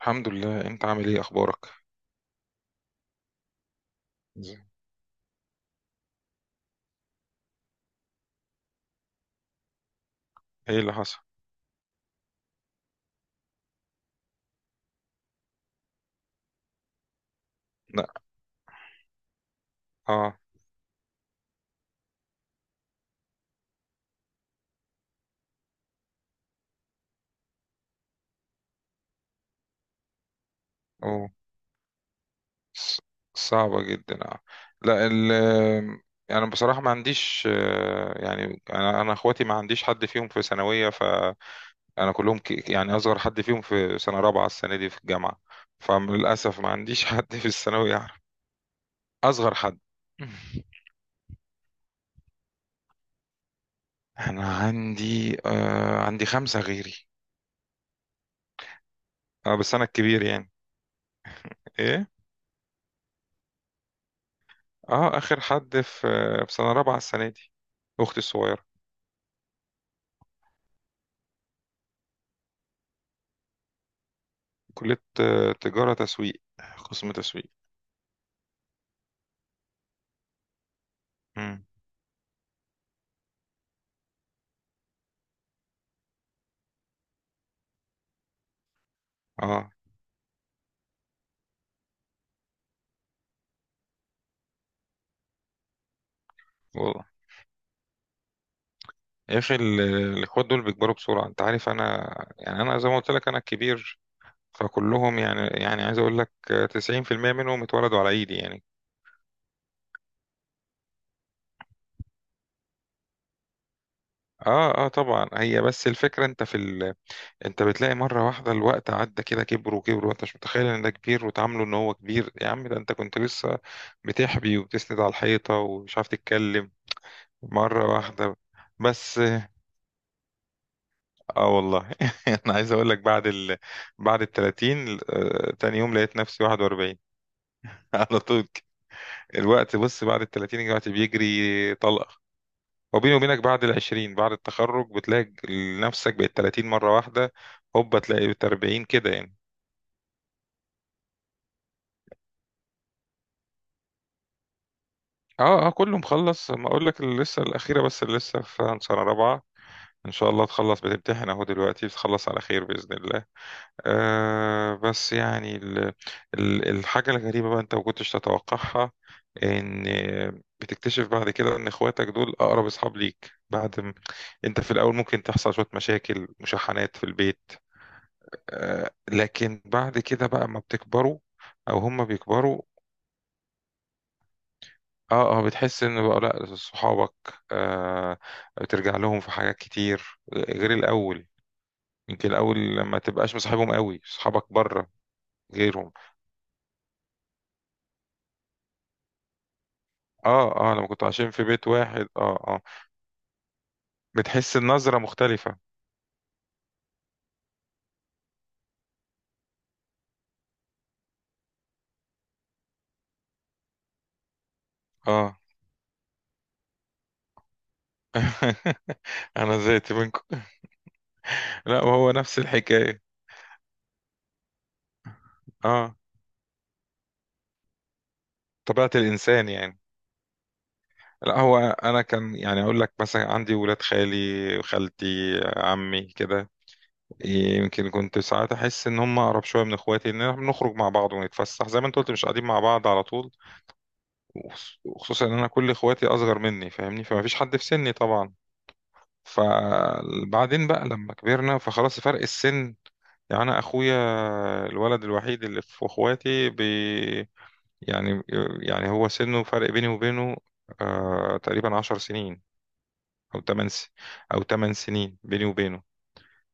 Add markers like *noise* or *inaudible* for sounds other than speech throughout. الحمد لله. انت عامل ايه؟ اخبارك؟ ايه اللي حصل؟ لا. اه. اوه. ص- صعبة جدا، اه. لا، يعني بصراحة ما عنديش يعني انا اخواتي ما عنديش حد فيهم في ثانوية، فانا كلهم، يعني اصغر حد فيهم في سنة رابعة السنة دي في الجامعة. فللاسف ما عنديش *laughs* حد في الثانوية أعرف. اصغر حد. *laughs* انا عندي، آه، عندي خمسة غيري. اه، بس انا الكبير يعني. ايه. اه، اخر حد في في سنه رابعه السنه دي، اختي الصغيره. كليه، تجاره، تسويق، قسم تسويق. امم. اه والله. يا اخي، الاخوات دول بيكبروا بسرعه. انت عارف انا، يعني انا زي ما قلت لك، انا الكبير. فكلهم، يعني عايز اقول لك، 90% منهم اتولدوا على ايدي يعني. اه اه طبعا. هي بس الفكره انت في انت بتلاقي مره واحده الوقت عدى كده، كبر وكبر، وانت مش متخيل ان ده كبير، وتعامله ان هو كبير. يا عم ده انت كنت لسه بتحبي وبتسند على الحيطه ومش عارف تتكلم. مرة واحدة. بس اه والله. *laughs* انا عايز اقول لك بعد بعد ال 30 تاني يوم لقيت نفسي 41. *laughs* على طول الوقت. بص، بعد ال 30 الوقت بيجري طلقة. وبيني وبينك بعد ال 20 بعد التخرج بتلاقي نفسك بقت 30 مرة واحدة، هوبا تلاقي بقت 40 كده يعني. اه اه كله مخلص. ما اقول لك اللي لسه الاخيرة، بس اللي لسه في سنة رابعة. ان شاء الله تخلص، بتمتحن اهو دلوقتي، تخلص على خير بإذن الله. آه بس يعني ال الحاجة الغريبة بقى انت ما كنتش تتوقعها ان بتكتشف بعد كده ان اخواتك دول اقرب اصحاب ليك. انت في الاول ممكن تحصل شوية مشاكل، مشاحنات في البيت، آه. لكن بعد كده بقى ما بتكبروا او هم بيكبروا، اه اه، بتحس ان بقى لا صحابك، آه، بترجع لهم في حاجات كتير غير الاول. يمكن الاول ما تبقاش مصاحبهم قوي، صحابك بره غيرهم. اه اه، لما كنتوا عايشين في بيت واحد، اه اه، بتحس النظرة مختلفة. اه. *laughs* انا زيت منكم. لا وهو نفس الحكاية. اه، طبيعة الانسان يعني. لا هو انا كان يعني اقول لك مثلا عندي ولاد خالي، خالتي، عمي كده. يمكن كنت ساعات احس ان هم اقرب شويه من اخواتي، ان احنا بنخرج مع بعض ونتفسح زي ما انت قلت، مش قاعدين مع بعض على طول. وخصوصا ان انا كل اخواتي اصغر مني، فاهمني، فما فيش حد في سني طبعا. فبعدين بقى لما كبرنا، فخلاص فرق السن. يعني انا اخويا الولد الوحيد اللي في اخواتي بي، يعني، يعني هو سنه فرق بيني وبينه، آه تقريبا عشر سنين. او تمن س... او تمن سنين بيني وبينه.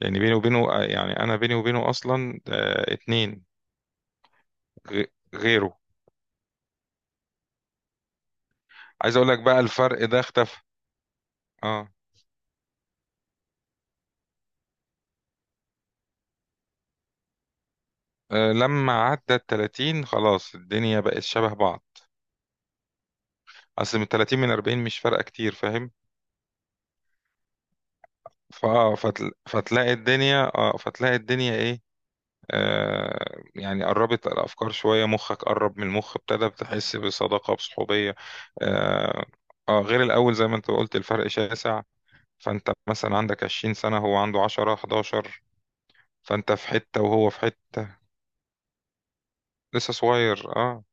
لان بيني وبينه، يعني انا بيني وبينه اصلا، اتنين غ- غيره. عايز اقول لك بقى الفرق ده اختفى. اه، آه، لما عدى ال 30 خلاص الدنيا بقت شبه بعض. اصل من 30 من 40 مش فارقه كتير، فاهم؟ فتلاقي الدنيا، اه، فتلاقي الدنيا ايه، آه، يعني قربت الافكار شويه، مخك قرب من المخ، ابتدى بتحس بصداقه، بصحوبيه. آه. اه غير الاول زي ما انت قلت، الفرق شاسع. فانت مثلا عندك 20 سنه، هو عنده 10، 11، فانت في حته وهو في حته. لسه صغير اه.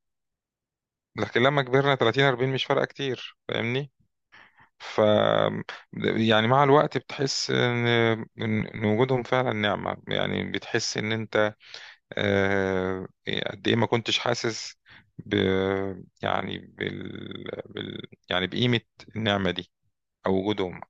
لكن لما كبرنا 30، 40 مش فارقه كتير، فاهمني؟ ف يعني مع الوقت بتحس ان إن وجودهم فعلا نعمه، يعني بتحس ان انت، آه، إيه، قد ايه ما كنتش حاسس ب يعني بال... بال يعني بقيمة النعمة دي او وجودهم.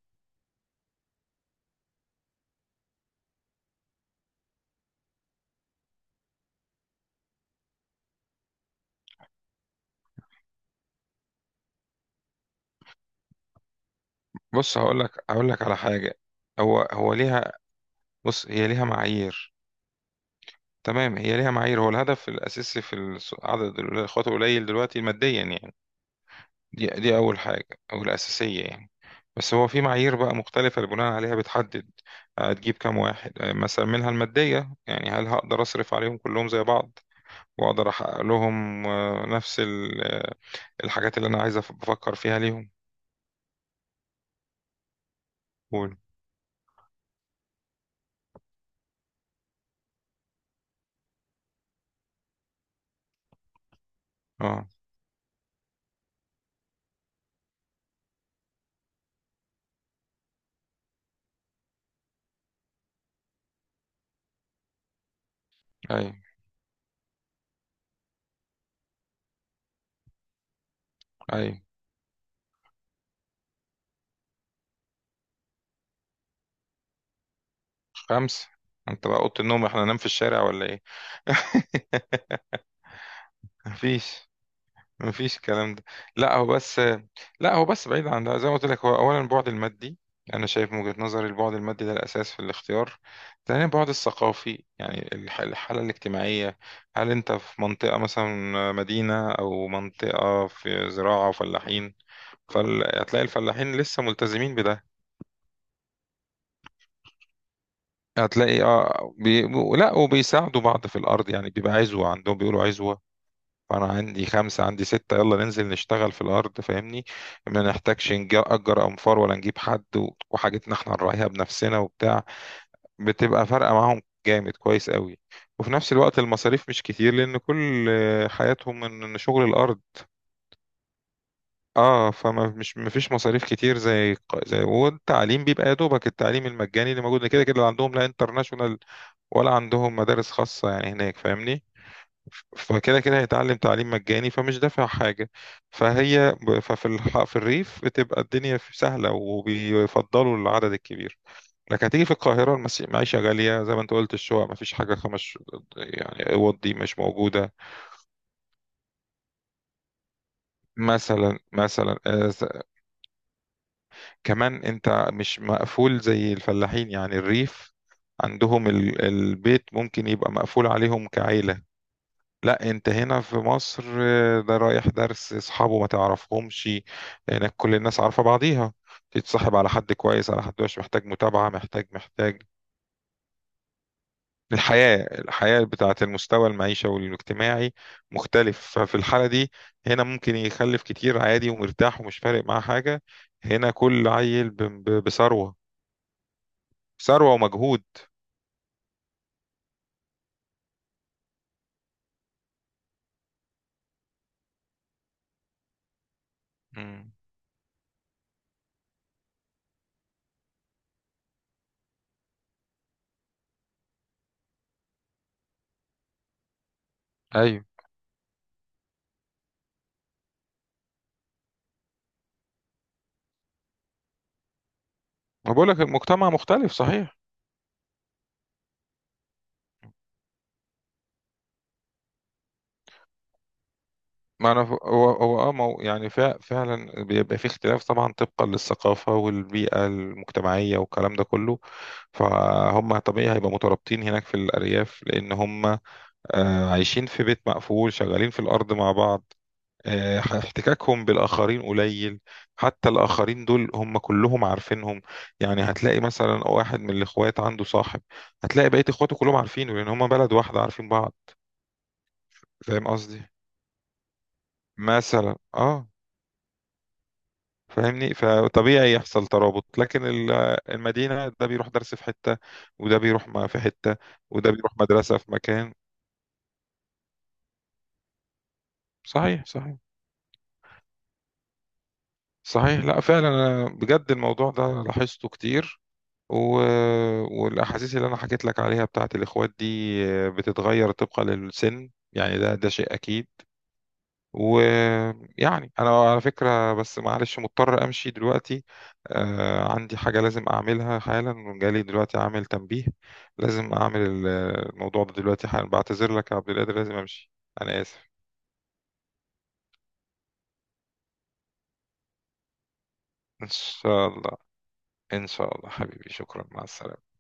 بص، هقول لك على حاجة. هو ليها، بص هي ليها معايير. تمام، هي ليها معايير. هو الهدف الأساسي في عدد الإخوات القليل دلوقتي ماديا يعني. دي أول حاجة، أو الأساسية يعني. بس هو في معايير بقى مختلفة اللي بناء عليها بتحدد هتجيب كام واحد، مثلا منها المادية. يعني هل هقدر أصرف عليهم كلهم زي بعض، واقدر احقق لهم نفس الحاجات اللي انا عايز بفكر فيها ليهم. قول. اه. اي. اي. خمسة؟ انت بقى اوضه النوم احنا ننام في الشارع ولا ايه؟ *laughs* مفيش، مفيش الكلام ده. لا هو بس، لا هو بس بعيد عن ده، زي ما قلت لك، هو اولا البعد المادي. انا شايف من وجهة نظري البعد المادي ده الاساس في الاختيار. ثانيا البعد الثقافي، يعني الحاله الاجتماعيه. هل انت في منطقه مثلا مدينه، او منطقه في زراعه وفلاحين؟ فهتلاقي الفلاحين لسه ملتزمين بده. هتلاقي اه لا، وبيساعدوا بعض في الارض، يعني بيبقى عزوه عندهم، بيقولوا عزوه. فانا عندي خمسه، عندي سته، يلا ننزل نشتغل في الارض، فاهمني؟ ما نحتاجش نأجر انفار ولا نجيب حد. وحاجتنا احنا نراعيها بنفسنا وبتاع. بتبقى فارقه معاهم جامد كويس قوي. وفي نفس الوقت المصاريف مش كتير، لان كل حياتهم من شغل الارض. اه، فما مش مفيش مصاريف كتير. زي زي والتعليم بيبقى يا دوبك التعليم المجاني اللي موجود كده كده، لا عندهم لا انترناشونال ولا عندهم مدارس خاصة يعني هناك، فاهمني؟ فكده كده هيتعلم تعليم مجاني، فمش دافع حاجة. فهي في الريف بتبقى الدنيا سهلة، وبيفضلوا العدد الكبير. لكن هتيجي في القاهرة، المعيشة غالية زي ما انت قلت. الشقق مفيش حاجة، خمس يعني اوض دي مش موجودة. مثلا آه، كمان انت مش مقفول زي الفلاحين، يعني الريف عندهم البيت ممكن يبقى مقفول عليهم كعيلة. لا انت هنا في مصر، آه، ده رايح درس اصحابه ما تعرفهمش. هناك كل الناس عارفة بعضيها. تتصاحب على حد كويس، على حد مش محتاج متابعة، محتاج، محتاج الحياة، الحياة بتاعة المستوى المعيشة والاجتماعي مختلف. ففي الحالة دي هنا ممكن يخلف كتير عادي ومرتاح ومش فارق معاه حاجة. هنا كل عيل بثروة، ثروة ومجهود. مم. ايوه. ما بقول لك المجتمع مختلف، صحيح. ما انا ف- هو هو اه ما هو يعني فعلا بيبقى في اختلاف طبعا طبقا للثقافة والبيئة المجتمعية والكلام ده كله. فهم طبيعي هيبقى مترابطين هناك في الأرياف، لأن هم عايشين في بيت مقفول، شغالين في الأرض مع بعض، احتكاكهم بالآخرين قليل. حتى الآخرين دول هم كلهم عارفينهم. يعني هتلاقي مثلا واحد من الإخوات عنده صاحب، هتلاقي بقية إخواته كلهم عارفينه، لأن هم بلد واحدة عارفين بعض. فاهم قصدي؟ مثلا اه، فاهمني؟ فطبيعي يحصل ترابط. لكن المدينة، ده بيروح درس في حتة، وده بيروح ما في حتة، وده بيروح مدرسة في مكان. صحيح، صحيح، صحيح. لا فعلا أنا بجد الموضوع ده لاحظته كتير. و... والاحاسيس اللي انا حكيت لك عليها بتاعت الاخوات دي، آه، بتتغير طبقا للسن. يعني ده شيء اكيد. ويعني انا على فكره بس معلش مضطر امشي دلوقتي، آه عندي حاجه لازم اعملها حالا، جالي دلوقتي عامل تنبيه لازم اعمل الموضوع ده دلوقتي حالا. بعتذر لك يا عبد القادر لازم امشي، انا اسف. ان شاء الله. ان شاء الله حبيبي، شكرا، مع السلامه.